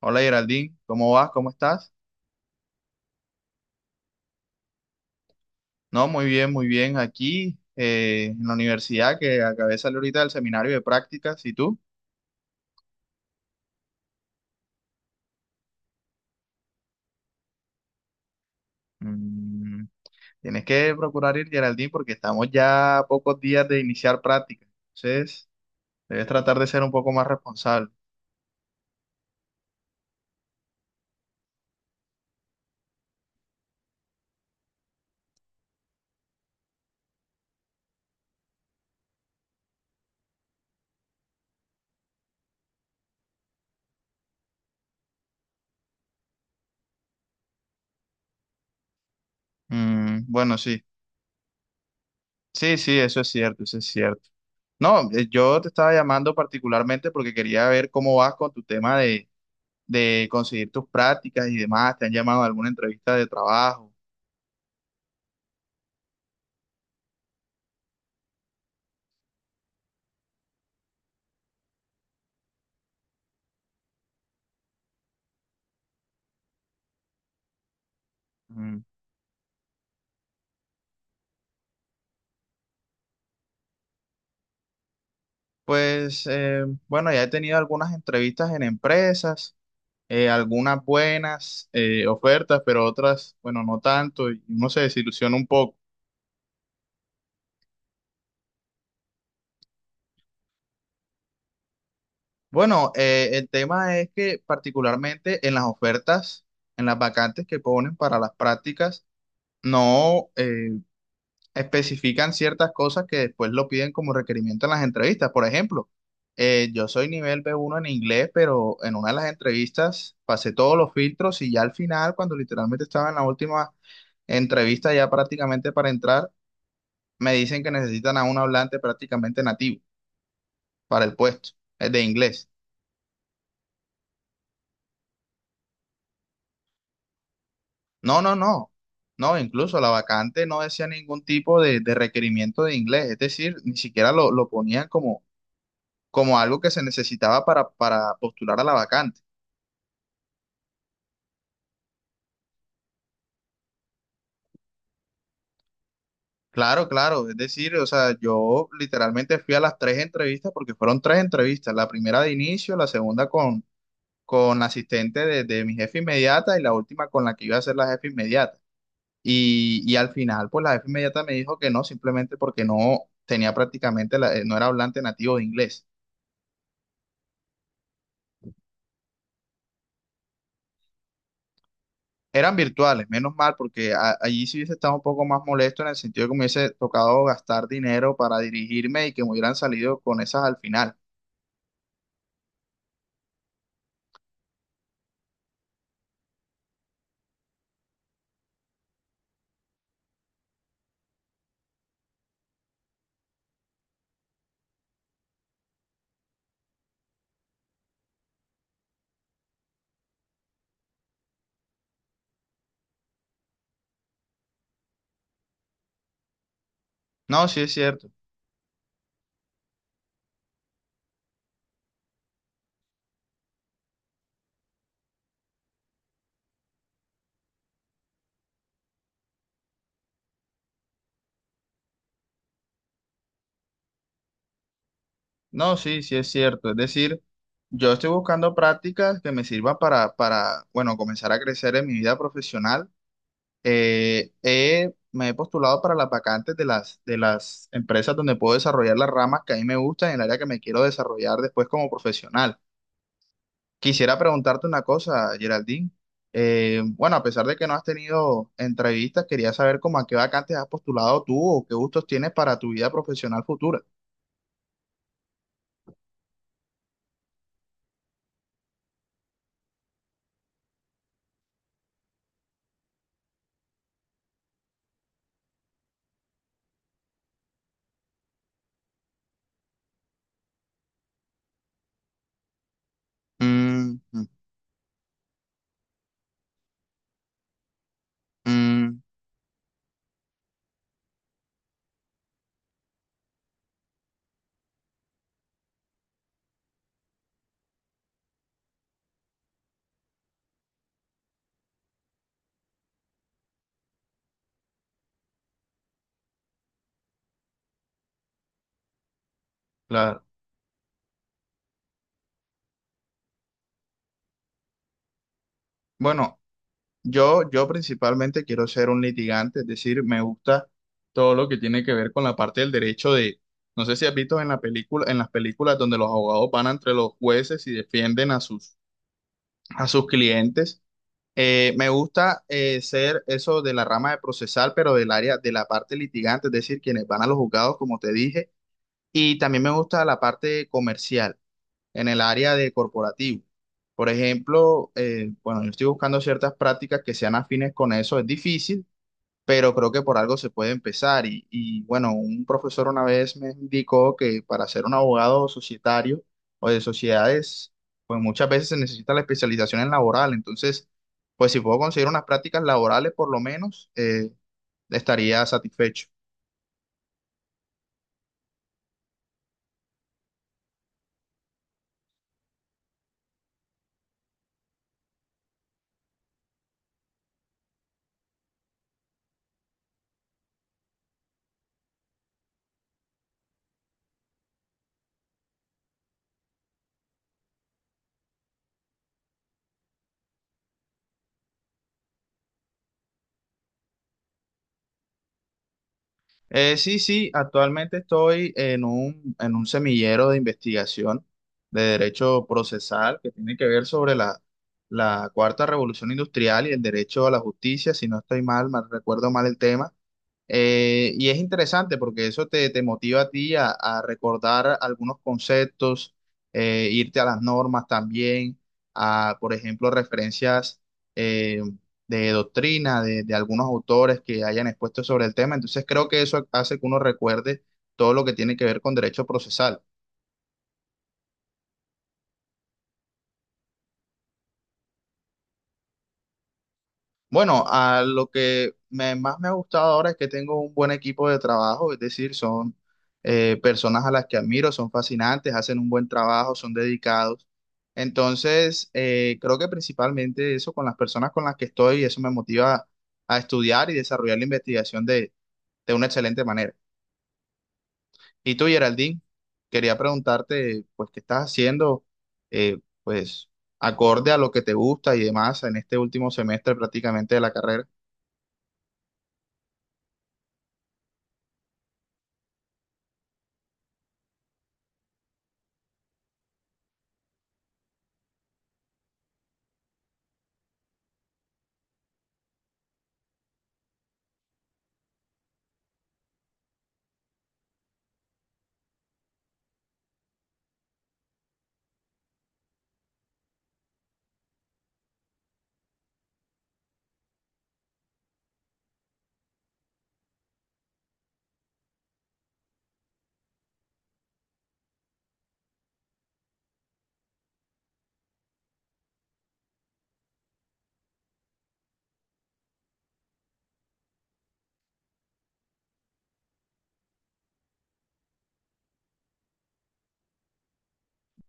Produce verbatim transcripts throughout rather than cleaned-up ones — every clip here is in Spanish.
Hola Geraldine, ¿cómo vas? ¿Cómo estás? No, muy bien, muy bien. Aquí eh, en la universidad que acabé de salir ahorita del seminario de prácticas, ¿y tú? Mm, tienes que procurar ir, Geraldine, porque estamos ya a pocos días de iniciar prácticas. Entonces, debes tratar de ser un poco más responsable. Mm, bueno, sí. Sí, sí, eso es cierto, eso es cierto. No, eh, yo te estaba llamando particularmente porque quería ver cómo vas con tu tema de, de conseguir tus prácticas y demás. ¿Te han llamado a alguna entrevista de trabajo? Mm. Pues eh, bueno, ya he tenido algunas entrevistas en empresas, eh, algunas buenas eh, ofertas, pero otras, bueno, no tanto, y uno se desilusiona un poco. Bueno, eh, el tema es que particularmente en las ofertas, en las vacantes que ponen para las prácticas, no, eh, especifican ciertas cosas que después lo piden como requerimiento en las entrevistas. Por ejemplo, eh, yo soy nivel b uno en inglés, pero en una de las entrevistas pasé todos los filtros y ya al final, cuando literalmente estaba en la última entrevista, ya prácticamente para entrar, me dicen que necesitan a un hablante prácticamente nativo para el puesto, eh, de inglés. No, no, no. No, incluso la vacante no decía ningún tipo de, de requerimiento de inglés, es decir, ni siquiera lo, lo ponían como como algo que se necesitaba para, para postular a la vacante. Claro, claro, es decir, o sea, yo literalmente fui a las tres entrevistas porque fueron tres entrevistas, la primera de inicio, la segunda con, con la asistente de, de mi jefe inmediata y la última con la que iba a ser la jefe inmediata. Y, y al final, pues la jefe inmediata me dijo que no, simplemente porque no tenía prácticamente, la- eh, no era hablante nativo de inglés. Eran virtuales, menos mal, porque a- allí sí hubiese estado un poco más molesto en el sentido de que me hubiese tocado gastar dinero para dirigirme y que me hubieran salido con esas al final. No, sí es cierto. No, sí, sí es cierto. Es decir, yo estoy buscando prácticas que me sirvan para, para, bueno, comenzar a crecer en mi vida profesional. Eh, he- me he postulado para las vacantes de las, de las empresas donde puedo desarrollar las ramas que a mí me gustan y el área que me quiero desarrollar después como profesional. Quisiera preguntarte una cosa, Geraldine. Eh, bueno, a pesar de que no has tenido entrevistas, quería saber cómo a qué vacantes has postulado tú o qué gustos tienes para tu vida profesional futura. Mm, mm, mm, claro. Bueno, yo, yo principalmente quiero ser un litigante, es decir, me gusta todo lo que tiene que ver con la parte del derecho de, no sé si has visto en la película, en las películas donde los abogados van entre los jueces y defienden a sus, a sus clientes. Eh, me gusta eh, ser eso de la rama de procesal, pero del área de la parte litigante, es decir, quienes van a los juzgados, como te dije, y también me gusta la parte comercial, en el área de corporativo. Por ejemplo, eh, bueno, yo estoy buscando ciertas prácticas que sean afines con eso, es difícil, pero creo que por algo se puede empezar. Y, y, bueno, un profesor una vez me indicó que para ser un abogado societario o de sociedades, pues muchas veces se necesita la especialización en laboral. Entonces, pues si puedo conseguir unas prácticas laborales, por lo menos, eh, estaría satisfecho. Eh, sí, sí, actualmente estoy en un, en un semillero de investigación de derecho procesal que tiene que ver sobre la, la cuarta revolución industrial y el derecho a la justicia, si no estoy mal, mal recuerdo mal el tema. Eh, y es interesante porque eso te, te motiva a ti a, a recordar algunos conceptos, eh, irte a las normas también, a, por ejemplo, referencias eh, de doctrina de, de algunos autores que hayan expuesto sobre el tema. Entonces creo que eso hace que uno recuerde todo lo que tiene que ver con derecho procesal. Bueno, a lo que me- más me ha gustado ahora es que tengo un buen equipo de trabajo, es decir, son eh, personas a las que admiro, son fascinantes, hacen un buen trabajo, son dedicados. Entonces, eh, creo que principalmente eso con las personas con las que estoy, eso me motiva a estudiar y desarrollar la investigación de, de una excelente manera. Y tú, Geraldine, quería preguntarte, pues, ¿qué estás haciendo? eh, pues, acorde a lo que te gusta y demás en este último semestre prácticamente de la carrera.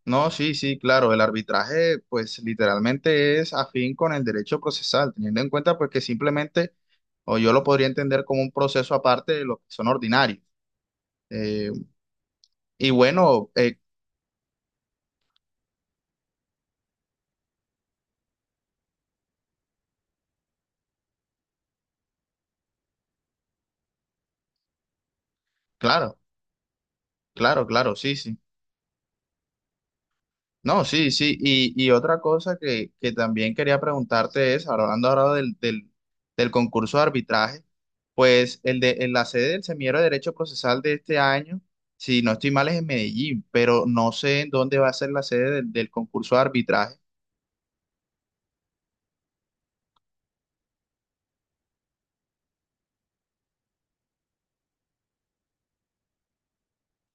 No, sí, sí, claro, el arbitraje pues literalmente es afín con el derecho procesal, teniendo en cuenta pues que simplemente, o yo lo podría entender como un proceso aparte de los que son ordinarios. Eh, y bueno, eh, claro, claro, claro, sí, sí. No, sí, sí. Y, y otra cosa que, que también quería preguntarte es, hablando ahora del, del, del concurso de arbitraje, pues el de, en la sede del Semillero de Derecho Procesal de este año, si no estoy mal, es en Medellín, pero no sé en dónde va a ser la sede del, del concurso de arbitraje.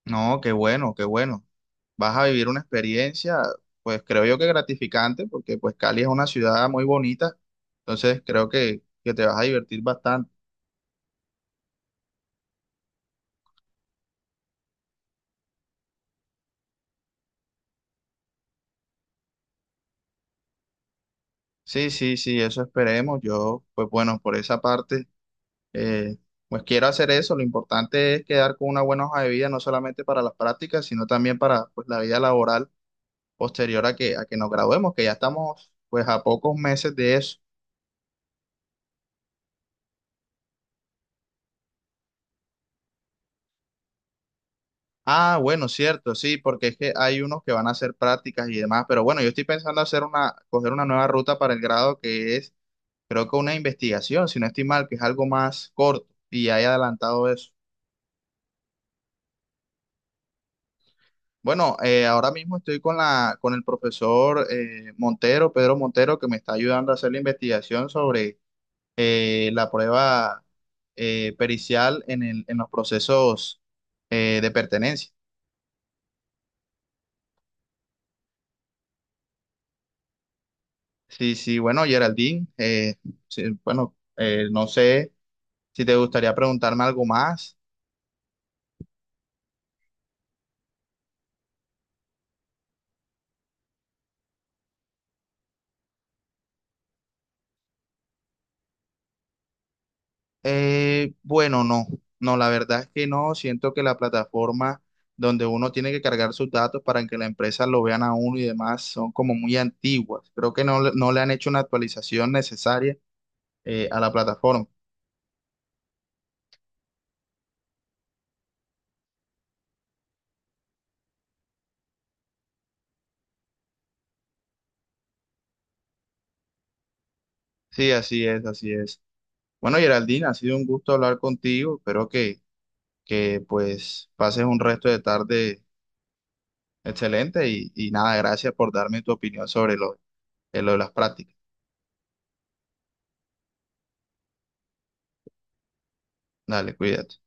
No, qué bueno, qué bueno. Vas a vivir una experiencia, pues creo yo que gratificante, porque pues Cali es una ciudad muy bonita, entonces creo que, que te vas a divertir bastante. Sí, sí, sí, eso esperemos. Yo, pues bueno, por esa parte, eh, pues quiero hacer eso. Lo importante es quedar con una buena hoja de vida, no solamente para las prácticas, sino también para pues, la vida laboral posterior a que, a que nos graduemos, que ya estamos pues a pocos meses de eso. Ah, bueno, cierto, sí, porque es que hay unos que van a hacer prácticas y demás, pero bueno, yo estoy pensando hacer una, coger una nueva ruta para el grado que es, creo que una investigación, si no estoy mal, que es algo más corto y ya he adelantado eso. Bueno, eh, ahora mismo estoy con la, con el profesor eh, Montero, Pedro Montero, que me está ayudando a hacer la investigación sobre eh, la prueba eh, pericial en el, en los procesos eh, de pertenencia. Sí, sí, bueno, Geraldine, eh, sí, bueno, eh, no sé si te gustaría preguntarme algo más. Eh, bueno, no, no, la verdad es que no. Siento que la plataforma donde uno tiene que cargar sus datos para que la empresa lo vean a uno y demás son como muy antiguas. Creo que no, le- no le han hecho una actualización necesaria eh, a la plataforma. Sí, así es, así es. Bueno, Geraldine, ha sido un gusto hablar contigo. Espero que, que pues pases un resto de tarde excelente y, y nada, gracias por darme tu opinión sobre lo, eh, lo de las prácticas. Dale, cuídate.